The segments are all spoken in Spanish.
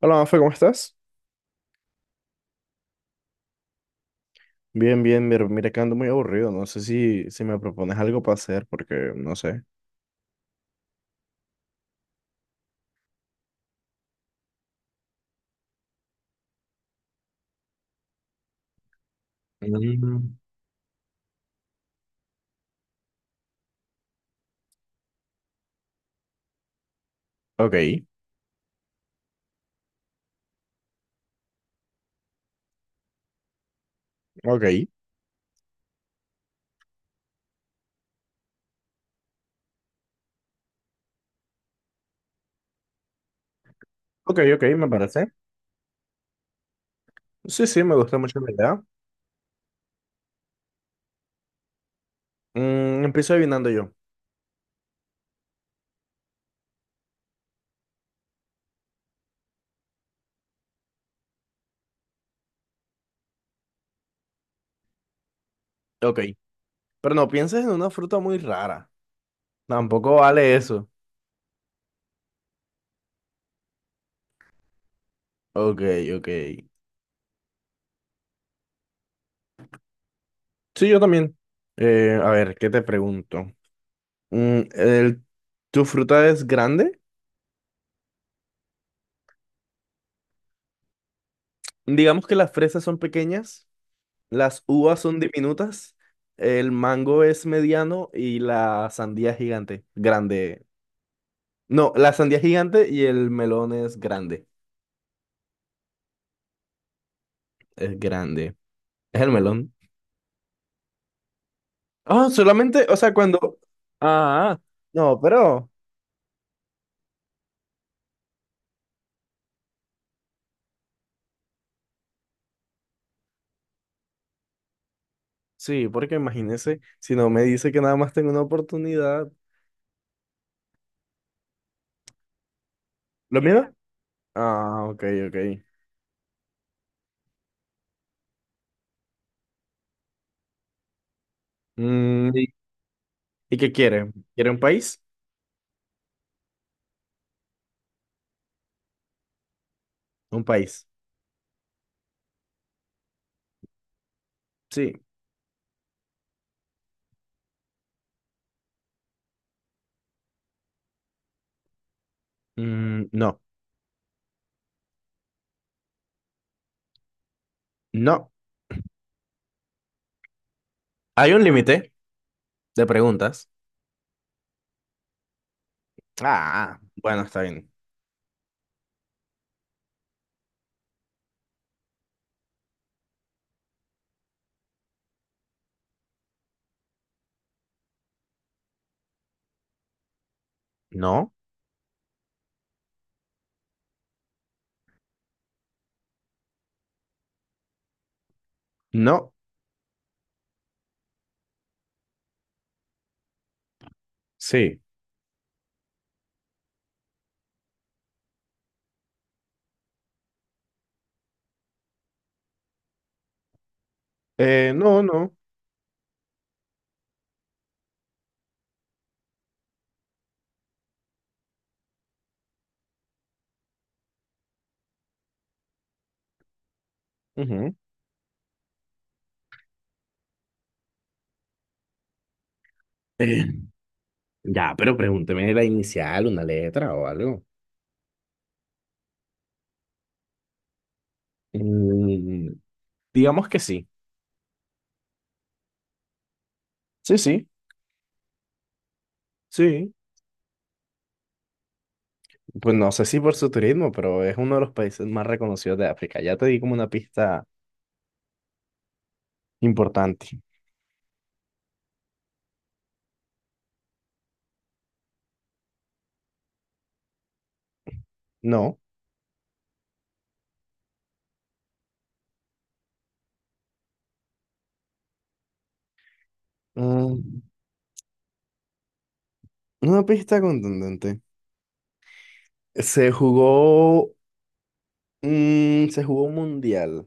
Hola, Mafe, ¿cómo estás? Bien, bien, mira que ando muy aburrido. No sé si me propones algo para hacer, porque no sé. Mm. Ok, ok, ok, me parece. Sí, sí, me gusta mucho la idea. Empiezo adivinando yo. Ok, pero no pienses en una fruta muy rara. Tampoco vale eso. Ok, ok. Sí, yo también. A ver, ¿qué te pregunto? Mm, el- ¿Tu fruta es grande? Digamos que las fresas son pequeñas. Las uvas son diminutas, el mango es mediano y la sandía es gigante. Grande. No, la sandía es gigante y el melón es grande. Es grande. Es el melón. Ah, solamente, o sea, cuando... Ah, no, pero... Sí, porque imagínese, si no me dice que nada más tengo una oportunidad. ¿Lo mira? Ah, ok, ok. Mm, ¿y y qué quiere? ¿Quiere un país? Un país. Sí. Mm, no. No. Hay un límite de preguntas. Ah, bueno, está bien. No, no, sí. No, no. Ujú. Eh, ya, pero pregúnteme la inicial, una letra o algo. Mm, digamos que sí. Sí, sí, sí. Pues no sé si por su turismo, pero es uno de los países más reconocidos de África. Ya te di como una pista importante. No. Mm, una pista contundente. Se jugó, se jugó un mundial.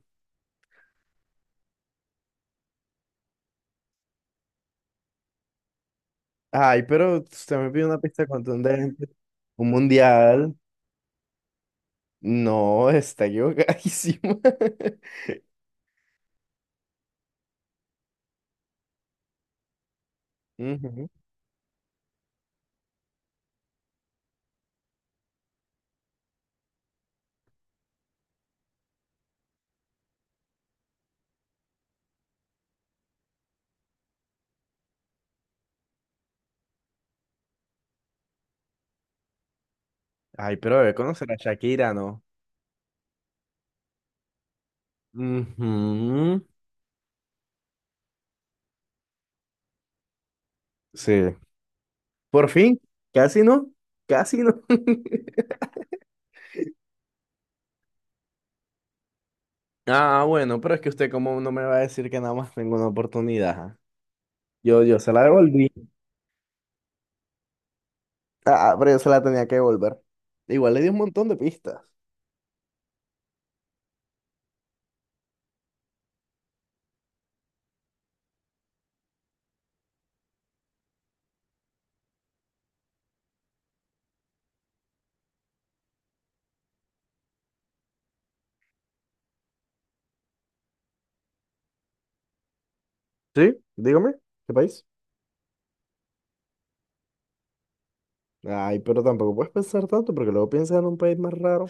Ay, pero usted me pide una pista contundente. Un mundial. No, está equivocadísimo. Ujú. Ay, pero debe conocer a Shakira, ¿no? Ujú. Sí. Por fin. Casi no. Casi no. Ah, bueno, pero es que usted como no me va a decir que nada más tengo una oportunidad. ¿Ah? Yo se la devolví. Ah, pero yo se la tenía que devolver. Igual le di un montón de pistas. ¿Sí? Dígame, ¿qué país? Ay, pero tampoco puedes pensar tanto porque luego piensas en un país más raro.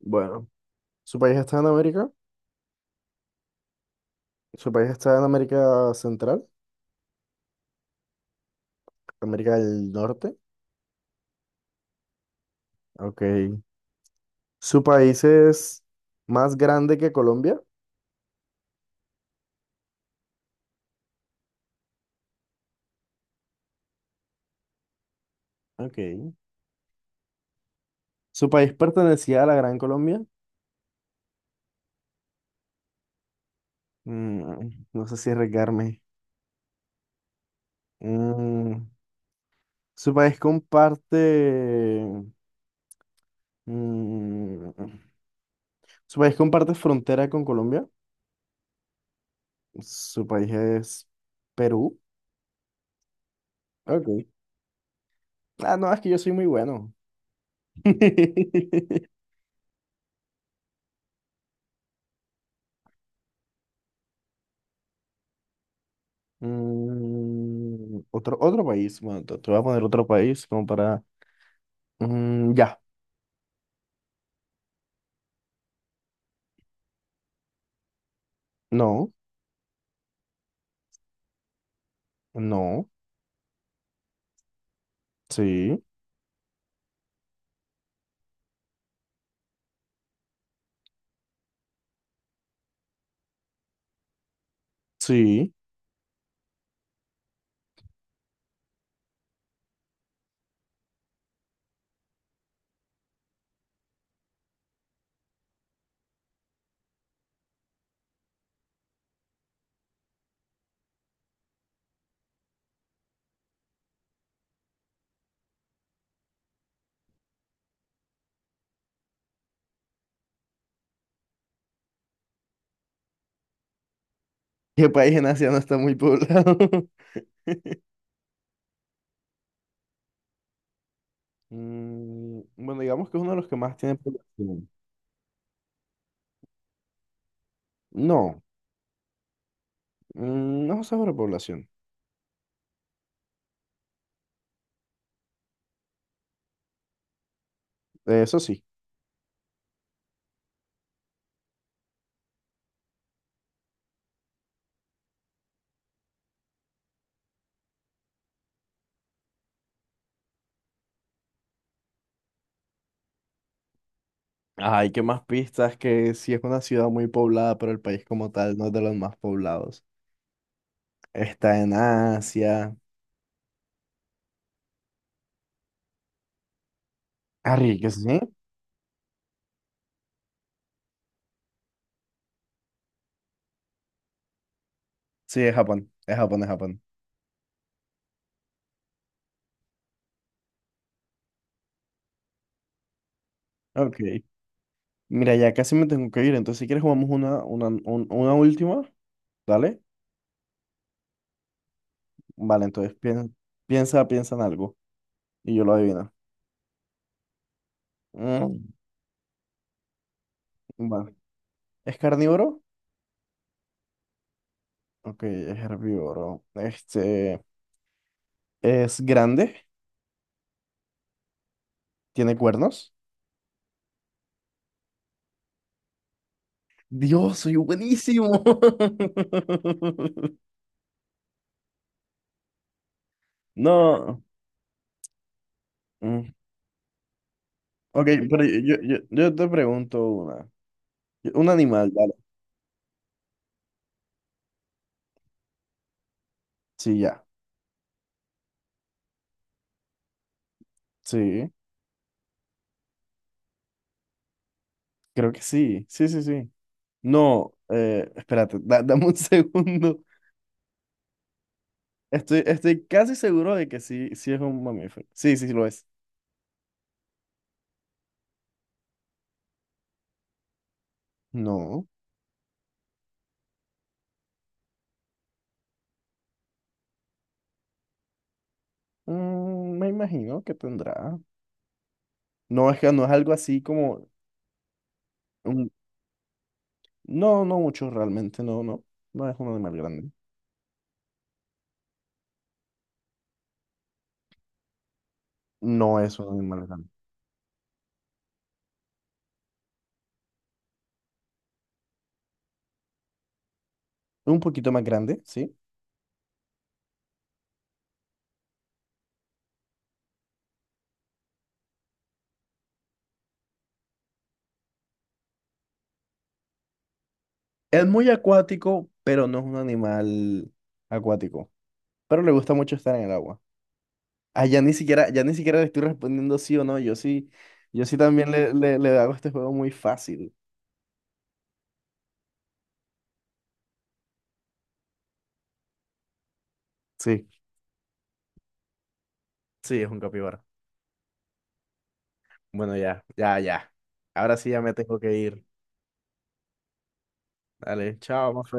Bueno, su país está en América. Su país está en América Central, América del Norte. Ok. Su país es más grande que Colombia. Ok. Su país pertenecía a la Gran Colombia. Mm, no sé si arriesgarme. Mm, su país comparte. mm, Su país comparte frontera con Colombia. Su país es Perú. Ok. Ah, no, es que yo soy muy bueno. Mm, otro país. Bueno, te voy a poner otro país como para. Mm, ya. No. No. Sí. Sí. ¿Qué país en Asia no está muy poblado? Mm, bueno, digamos que es uno de los que más tiene población. No. No sobrepoblación. Eso sí. Ay, qué más pistas, que si es una ciudad muy poblada, pero el país como tal no es de los más poblados. Está en Asia. Arriesgue, ¿sí? Sí, es Japón. Es Japón, es Japón. Ok. Mira, ya casi me tengo que ir, entonces si quieres jugamos una última, ¿dale? Vale, entonces piensa en algo y yo lo adivino. Mm, vale. ¿Es carnívoro? Ok, es herbívoro. Este, ¿es grande? ¿Tiene cuernos? Dios, soy buenísimo. No. Mm. Ok, pero yo te pregunto una. Un animal, dale. Sí, ya. Sí, creo que sí. Sí, sí, sí. No, espérate, dame un segundo. Estoy casi seguro de que sí, sí es un mamífero. Sí, sí, sí lo es. No, mm, me imagino que tendrá. No, es que no es algo así como... un- No, no mucho realmente, no, no. No es un animal grande. No es un animal grande. Es un poquito más grande, sí. Es muy acuático, pero no es un animal acuático. Pero le gusta mucho estar en el agua. Ah, ya ni siquiera le estoy respondiendo sí o no. Yo sí, yo sí también le hago este juego muy fácil. Sí, sí, es un capibara. Bueno, ya. Ahora sí ya me tengo que ir. Dale, chao, más